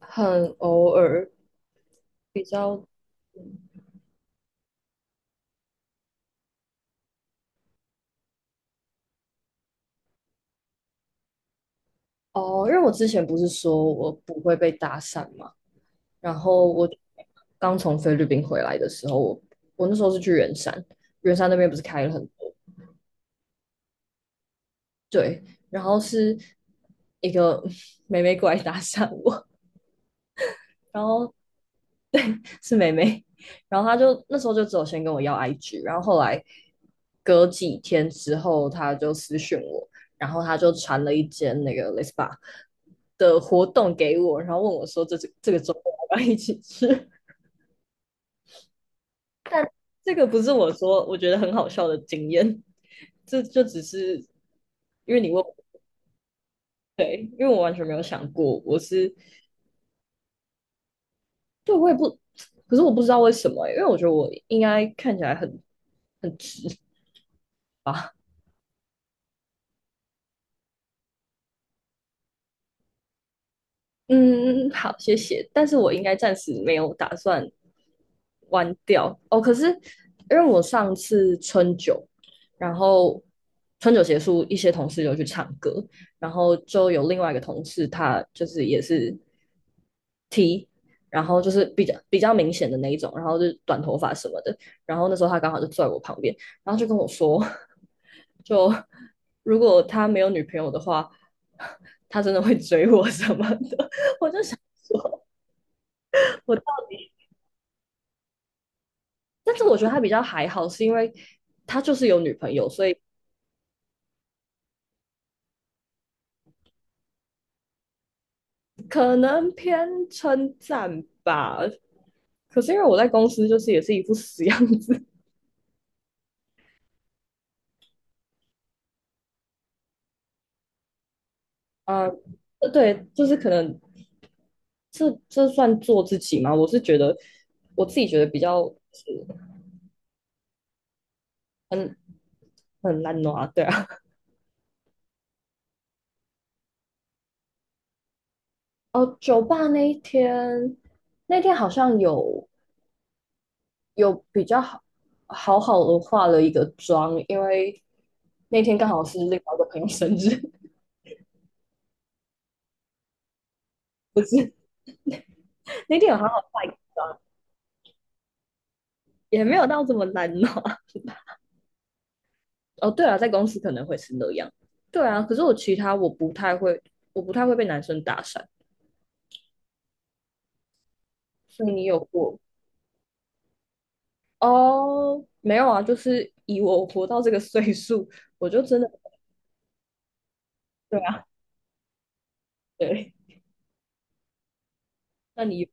很偶尔，比较哦，因为我之前不是说我不会被搭讪嘛，然后我刚从菲律宾回来的时候，我那时候是去圆山，圆山那边不是开了很多，对，然后是一个 妹妹过来搭讪我，然后是妹妹，然后她就那时候就只有先跟我要 IG，然后后来隔几天之后，她就私讯我，然后她就传了一间那个 Lespa的活动给我，然后问我说这个周末要不要一起吃？这个不是我说我觉得很好笑的经验，这就只是因为你问我对，因为我完全没有想过，我是对我也不，可是我不知道为什么欸因为我觉得我应该看起来很很直吧。嗯，好，谢谢。但是我应该暂时没有打算关掉哦。可是因为我上次春酒，然后春酒结束，一些同事就去唱歌，然后就有另外一个同事，他就是也是 T，然后就是比较明显的那一种，然后就是短头发什么的。然后那时候他刚好就坐在我旁边，然后就跟我说，就如果他没有女朋友的话，他真的会追我什么的。我就想我到，但是我觉得他比较还好，是因为他就是有女朋友，所以可能偏称赞吧。可是因为我在公司就是也是一副死样子啊、对，就是可能这算做自己吗？我是觉得我自己觉得比较很很烂拿，对啊。哦，酒吧那一天，那天好像有有比较好好好的化了一个妆，因为那天刚好是另外一个朋友生日，不是那天有好好化，也没有到这么难哦。哦，对啊，在公司可能会是那样，对啊。可是我其他我不太会，我不太会被男生搭讪，所以你有过哦？没有啊，就是以我活到这个岁数，我就真的对啊，对。那你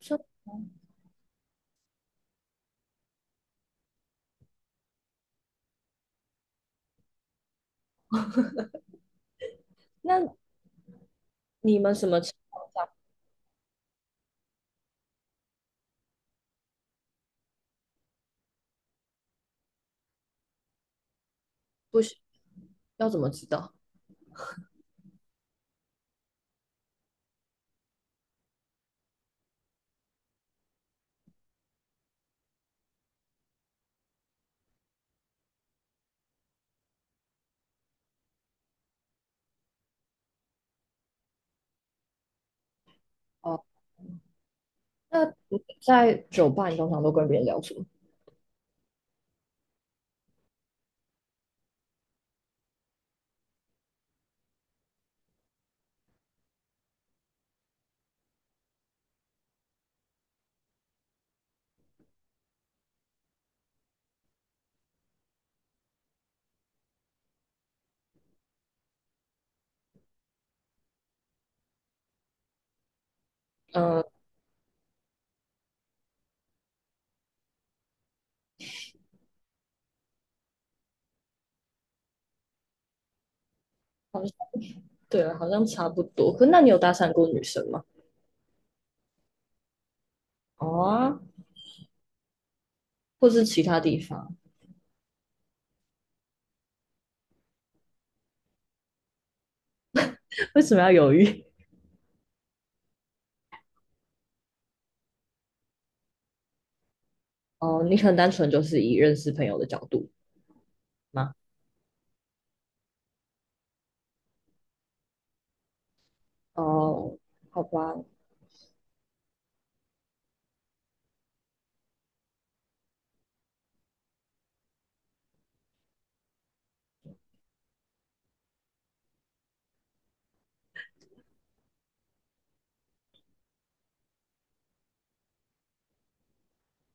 说，那你们什么情况下不需要怎么知道？哦。那你在酒吧，你通常都跟别人聊什么？嗯、好，像，对啊，好像差不多。可那你有搭讪过女生吗？哦啊，或是其他地方？为什么要犹豫？哦，你可能单纯就是以认识朋友的角度吗？哦，好吧，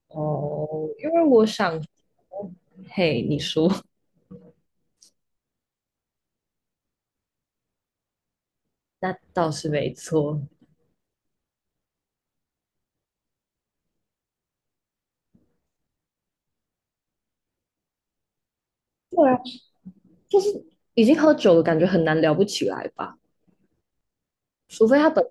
哦，因为我想说，嘿，你说，那倒是没错。对啊，就是已经喝酒了，感觉很难聊不起来吧？除非他本，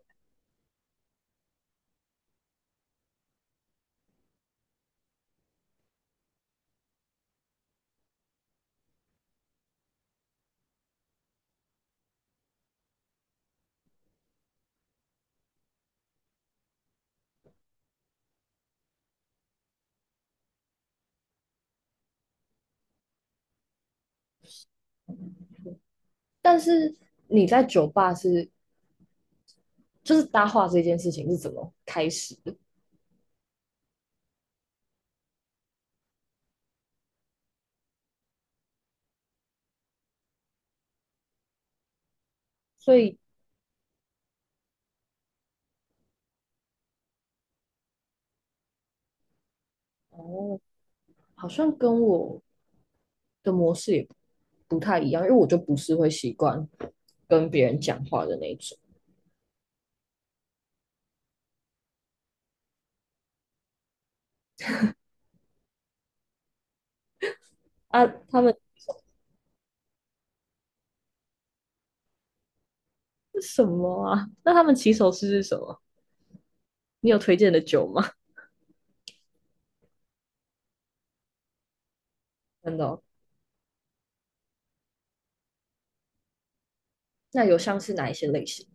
但是你在酒吧是，就是搭话这件事情是怎么开始？所以哦，好像跟我的模式也不太一样，因为我就不是会习惯跟别人讲话的那种。啊，他们是什么啊？那他们起手式是什么？你有推荐的酒吗？真的哦那有像是哪一些类型？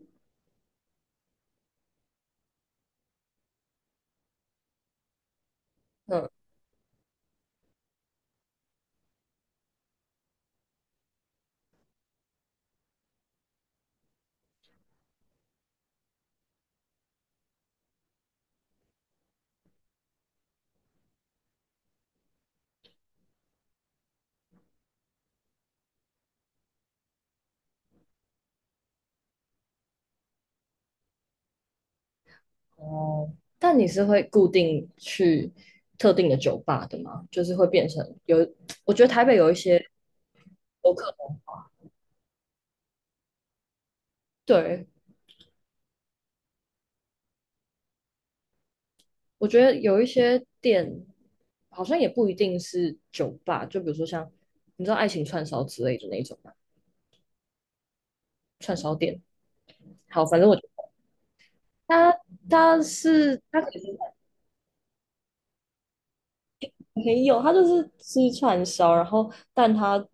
嗯，哦，但你是会固定去特定的酒吧的吗？就是会变成有，我觉得台北有一些有可能，对，我觉得有一些店好像也不一定是酒吧，就比如说像你知道爱情串烧之类的那种嘛，串烧店。好，反正我他他是他可能没有，他就是吃串烧，然后但他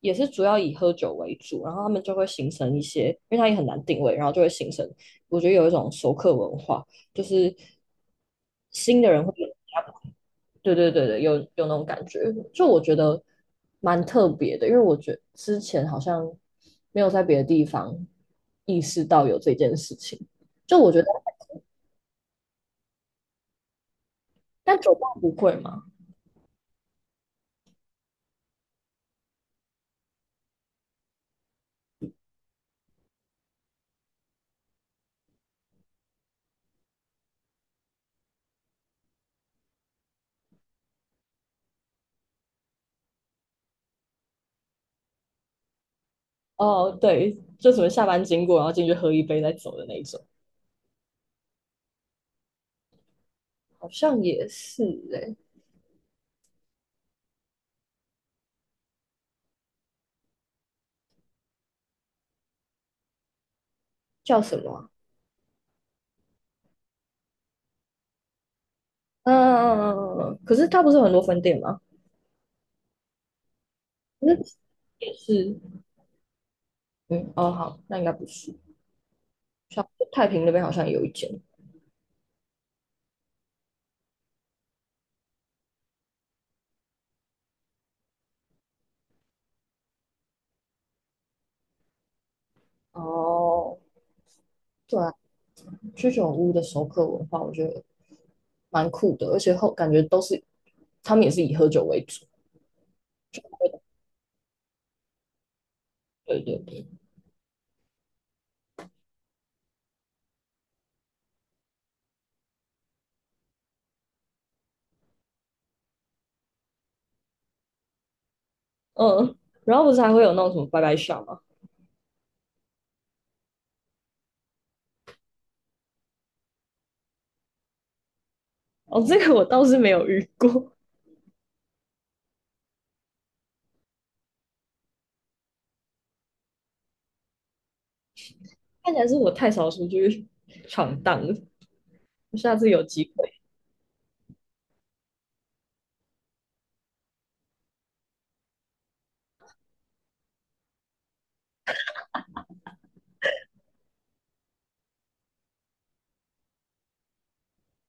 也是主要以喝酒为主，然后他们就会形成一些，因为他也很难定位，然后就会形成我觉得有一种熟客文化，就是新的人会。比较。对对对对，有有那种感觉，就我觉得蛮特别的，因为我觉得之前好像没有在别的地方意识到有这件事情。就我觉得，但酒吧不会嘛？哦，对，就什么下班经过，然后进去喝一杯再走的那一种，好像也是诶、叫什么啊嗯嗯嗯嗯嗯，嗯可是它不是有很多分店吗？那也是，嗯，哦，好，那应该不是，像太平那边好像有一间。哦，对啊，居酒屋的熟客文化，我觉得蛮酷的，而且后感觉都是他们也是以喝酒为主。对对对，嗯，然后不是还会有那种什么拜拜下吗？哦，这个我倒是没有遇过，看起来是我太少出去闯荡了，下次有机会。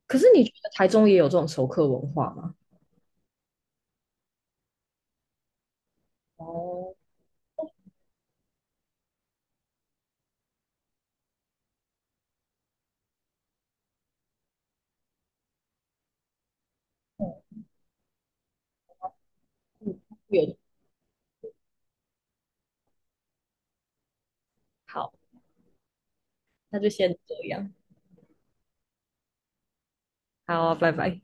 可是你觉得台中也有这种熟客文化吗？哦，有，好，那就先这样，好啊拜拜。